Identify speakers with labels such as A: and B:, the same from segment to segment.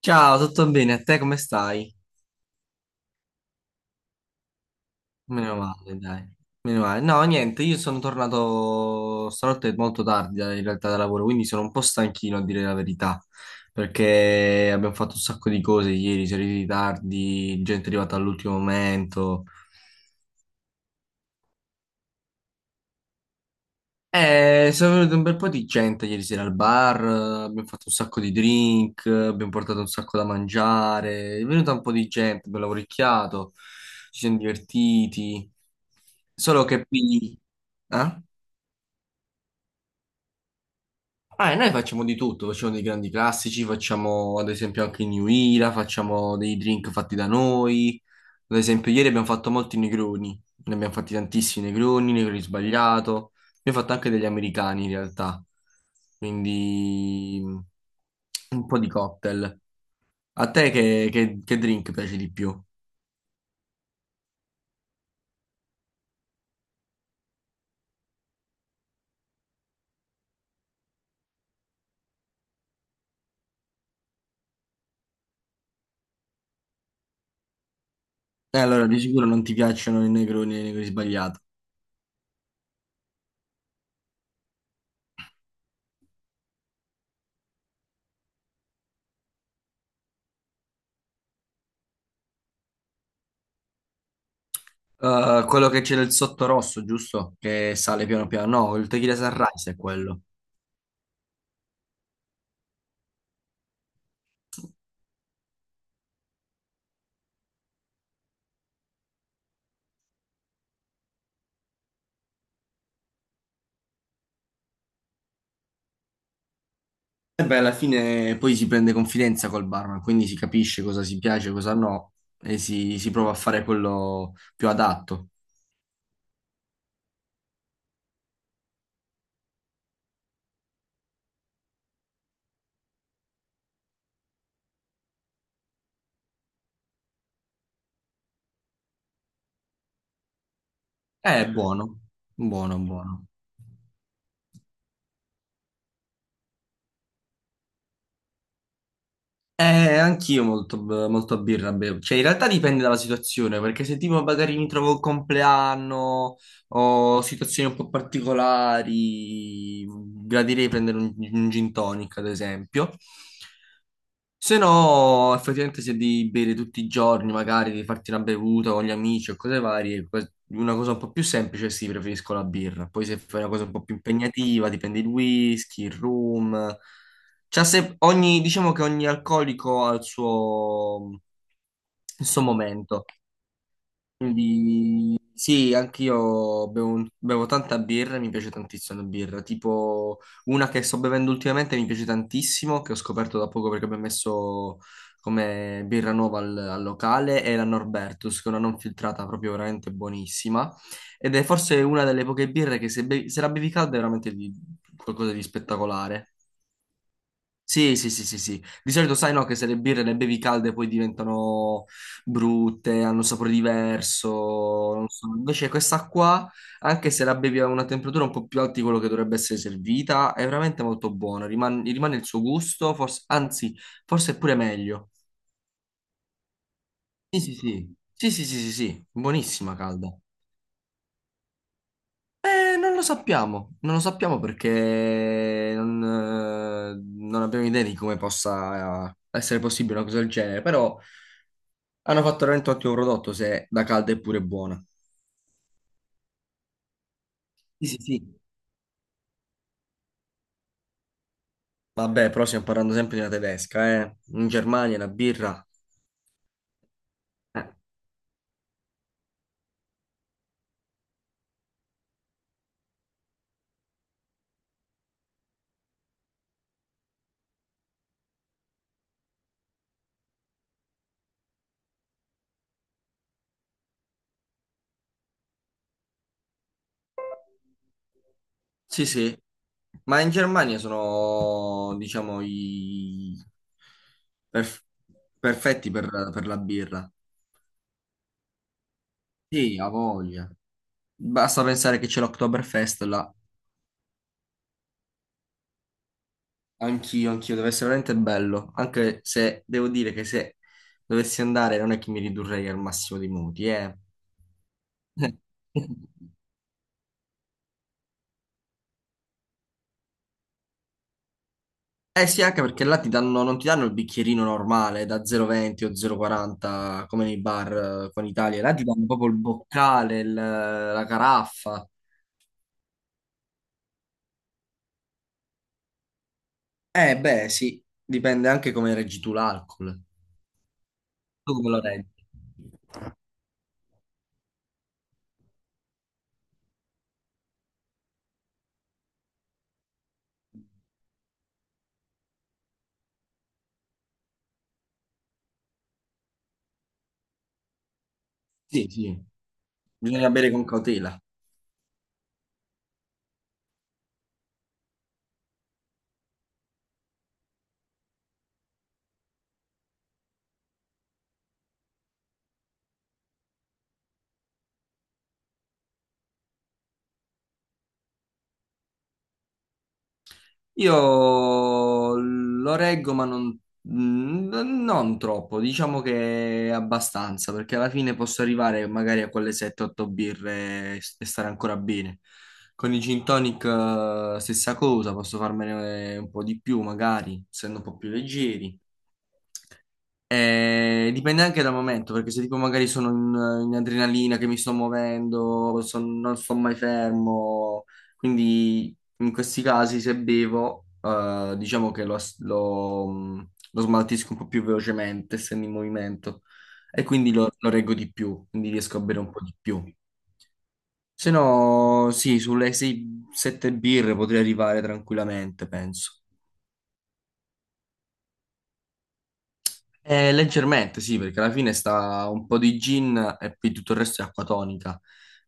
A: Ciao, tutto bene? A te come stai? Meno male, dai. Meno male. No, niente, io sono tornato stanotte molto tardi in realtà da lavoro, quindi sono un po' stanchino a dire la verità, perché abbiamo fatto un sacco di cose ieri, siamo arrivati tardi, gente è arrivata all'ultimo momento. Sono venuto un bel po' di gente ieri sera al bar, abbiamo fatto un sacco di drink, abbiamo portato un sacco da mangiare, è venuta un po' di gente, abbiamo lavoricchiato, ci siamo divertiti, solo che qui... Eh? Ah, e noi facciamo di tutto, facciamo dei grandi classici, facciamo ad esempio anche il New Era, facciamo dei drink fatti da noi. Ad esempio, ieri abbiamo fatto molti negroni, ne abbiamo fatti tantissimi negroni, negroni sbagliato, abbiamo fatto anche degli americani in realtà, quindi un po' di cocktail. A te che, che drink piace di più? Allora di sicuro non ti piacciono i negroni e i negroni sbagliato. Quello che c'è del sotto rosso, giusto? Che sale piano piano, no, il tequila sunrise è quello. E beh, alla fine poi si prende confidenza col barman, quindi si capisce cosa si piace, cosa no, e si prova a fare quello più adatto. È buono, buono, buono. Eh, anch'io molto, molto birra bevo. Cioè, in realtà dipende dalla situazione, perché se tipo magari mi trovo il compleanno o situazioni un po' particolari, gradirei prendere un gin tonic, ad esempio. Se no, effettivamente se devi bere tutti i giorni, magari devi farti una bevuta con gli amici o cose varie, una cosa un po' più semplice, sì, preferisco la birra. Poi se fai una cosa un po' più impegnativa, ti prendi il whisky, il rum. C'ha se- ogni- Diciamo che ogni alcolico ha il suo momento. Quindi sì, anch'io bevo tanta birra e mi piace tantissimo la birra. Tipo una che sto bevendo ultimamente mi piace tantissimo, che ho scoperto da poco perché abbiamo messo come birra nuova al locale, è la Norbertus, che è una non filtrata proprio veramente buonissima. Ed è forse una delle poche birre che se, se la bevi calda è veramente qualcosa di spettacolare. Sì, sì, sì, sì, sì. Di solito sai no che se le birre le bevi calde poi diventano brutte, hanno un sapore diverso, non so. Invece questa qua, anche se la bevi a una temperatura un po' più alta di quello che dovrebbe essere servita, è veramente molto buona, rimane il suo gusto, forse- anzi, forse è pure meglio. Sì, sì, sì. Sì, sì, sì, sì, sì, buonissima calda. Non lo sappiamo perché non, non abbiamo idea di come possa essere possibile una cosa del genere, però... Hanno fatto veramente un ottimo prodotto se da calda è pure buona. Sì, sì, sì. Vabbè, però stiamo parlando sempre di una tedesca, eh. In Germania la birra. Eh. Sì, sì. Ma in Germania sono, diciamo, i perf- perfetti per la birra. Sì, ha voglia. Basta pensare che c'è l'Oktoberfest là. Anch'io, anch'io, deve essere veramente bello. Anche se devo dire che se dovessi andare non è che mi ridurrei al massimo dei modi, eh. Eh sì, anche perché là ti danno, non ti danno il bicchierino normale da 0,20 o 0,40 come nei bar qua in Italia, là ti danno proprio il boccale, la caraffa. Eh beh sì, dipende anche come reggi tu l'alcol. Tu come lo reggi? Sì, sì, bisogna bere con cautela. Io lo reggo, ma n- non troppo, diciamo che abbastanza, perché alla fine posso arrivare magari a quelle 7-8 birre e stare ancora bene. Con i gin tonic, stessa cosa, posso farmene un po' di più, magari, essendo un po' più leggeri. Dipende anche dal momento, perché se tipo magari sono in adrenalina, che mi sto muovendo, non sto mai fermo, quindi in questi casi se bevo, diciamo che lo smaltisco un po' più velocemente, essendo in movimento, e quindi lo reggo di più, quindi riesco a bere un po' di più. Se no, sì, sulle 6-7 birre potrei arrivare tranquillamente, penso. Leggermente, sì, perché alla fine sta un po' di gin e poi tutto il resto è acqua tonica.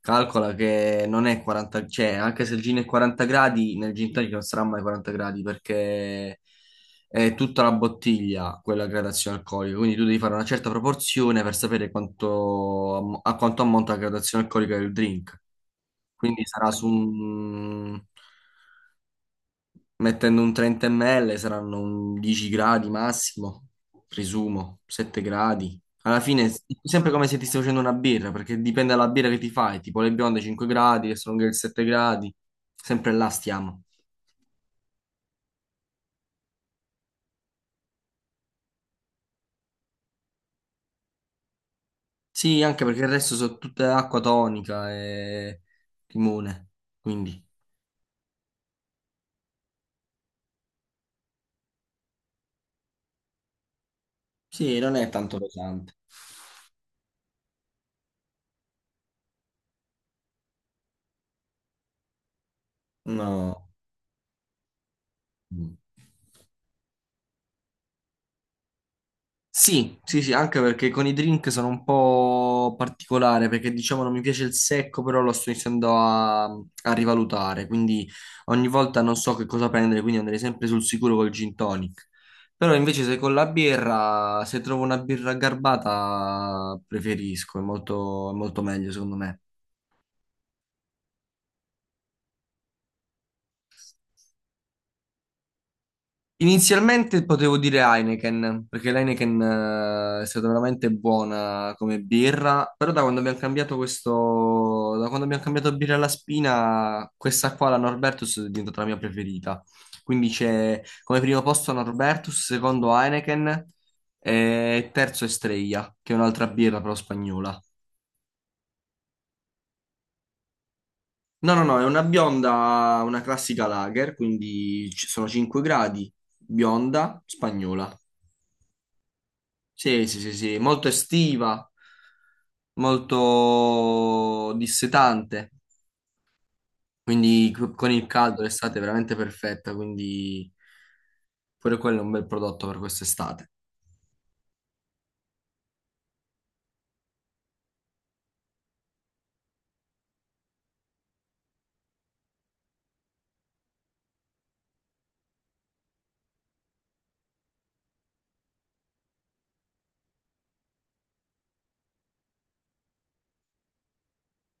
A: Calcola che non è 40, cioè anche se il gin è 40 gradi, nel gin tonic non sarà mai 40 gradi perché è tutta la bottiglia quella gradazione alcolica, quindi tu devi fare una certa proporzione per sapere quanto, a quanto ammonta la gradazione alcolica del drink. Quindi sarà su un Mettendo un 30 ml saranno un 10 gradi massimo, presumo, 7 gradi. Alla fine è sempre come se ti stai facendo una birra, perché dipende dalla birra che ti fai, tipo le bionde 5 gradi, le stronger 7 gradi, sempre là stiamo. Sì, anche perché il resto sono tutte acqua tonica e limone, quindi sì, non è tanto pesante. No. Mm. Sì, sì, sì, anche perché con i drink sono un po' particolare, perché diciamo non mi piace il secco, però lo sto iniziando a rivalutare, quindi ogni volta non so che cosa prendere, quindi andrei sempre sul sicuro col gin tonic. Però invece se con la birra, se trovo una birra garbata, preferisco, è molto meglio secondo me. Inizialmente potevo dire Heineken, perché l'Heineken è stata veramente buona come birra, però da quando abbiamo cambiato questo, da quando abbiamo cambiato birra alla spina, questa qua, la Norbertus, è diventata la mia preferita. Quindi c'è come primo posto Norbertus, secondo Heineken e terzo Estrella, che è un'altra birra però spagnola. No, no, no, è una bionda, una classica lager, quindi ci sono 5 gradi, bionda, spagnola. Sì, sì, sì, sì, molto estiva, molto dissetante, quindi con il caldo l'estate è veramente perfetta, quindi pure quello è un bel prodotto per quest'estate.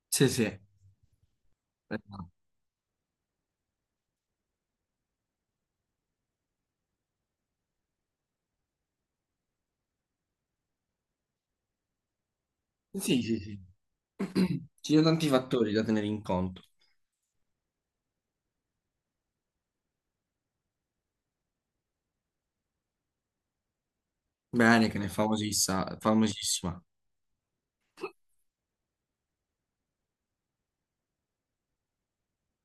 A: Sì, sì. Esatto. Sì, sì, sì. Ci sono tanti fattori da tenere in conto. Bene, che ne è famosissima, famosissima.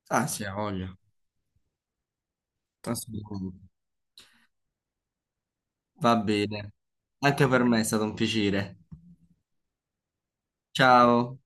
A: Ah, sì, ha voglia. Assolutamente. Va bene. Anche per me è stato un piacere. Ciao.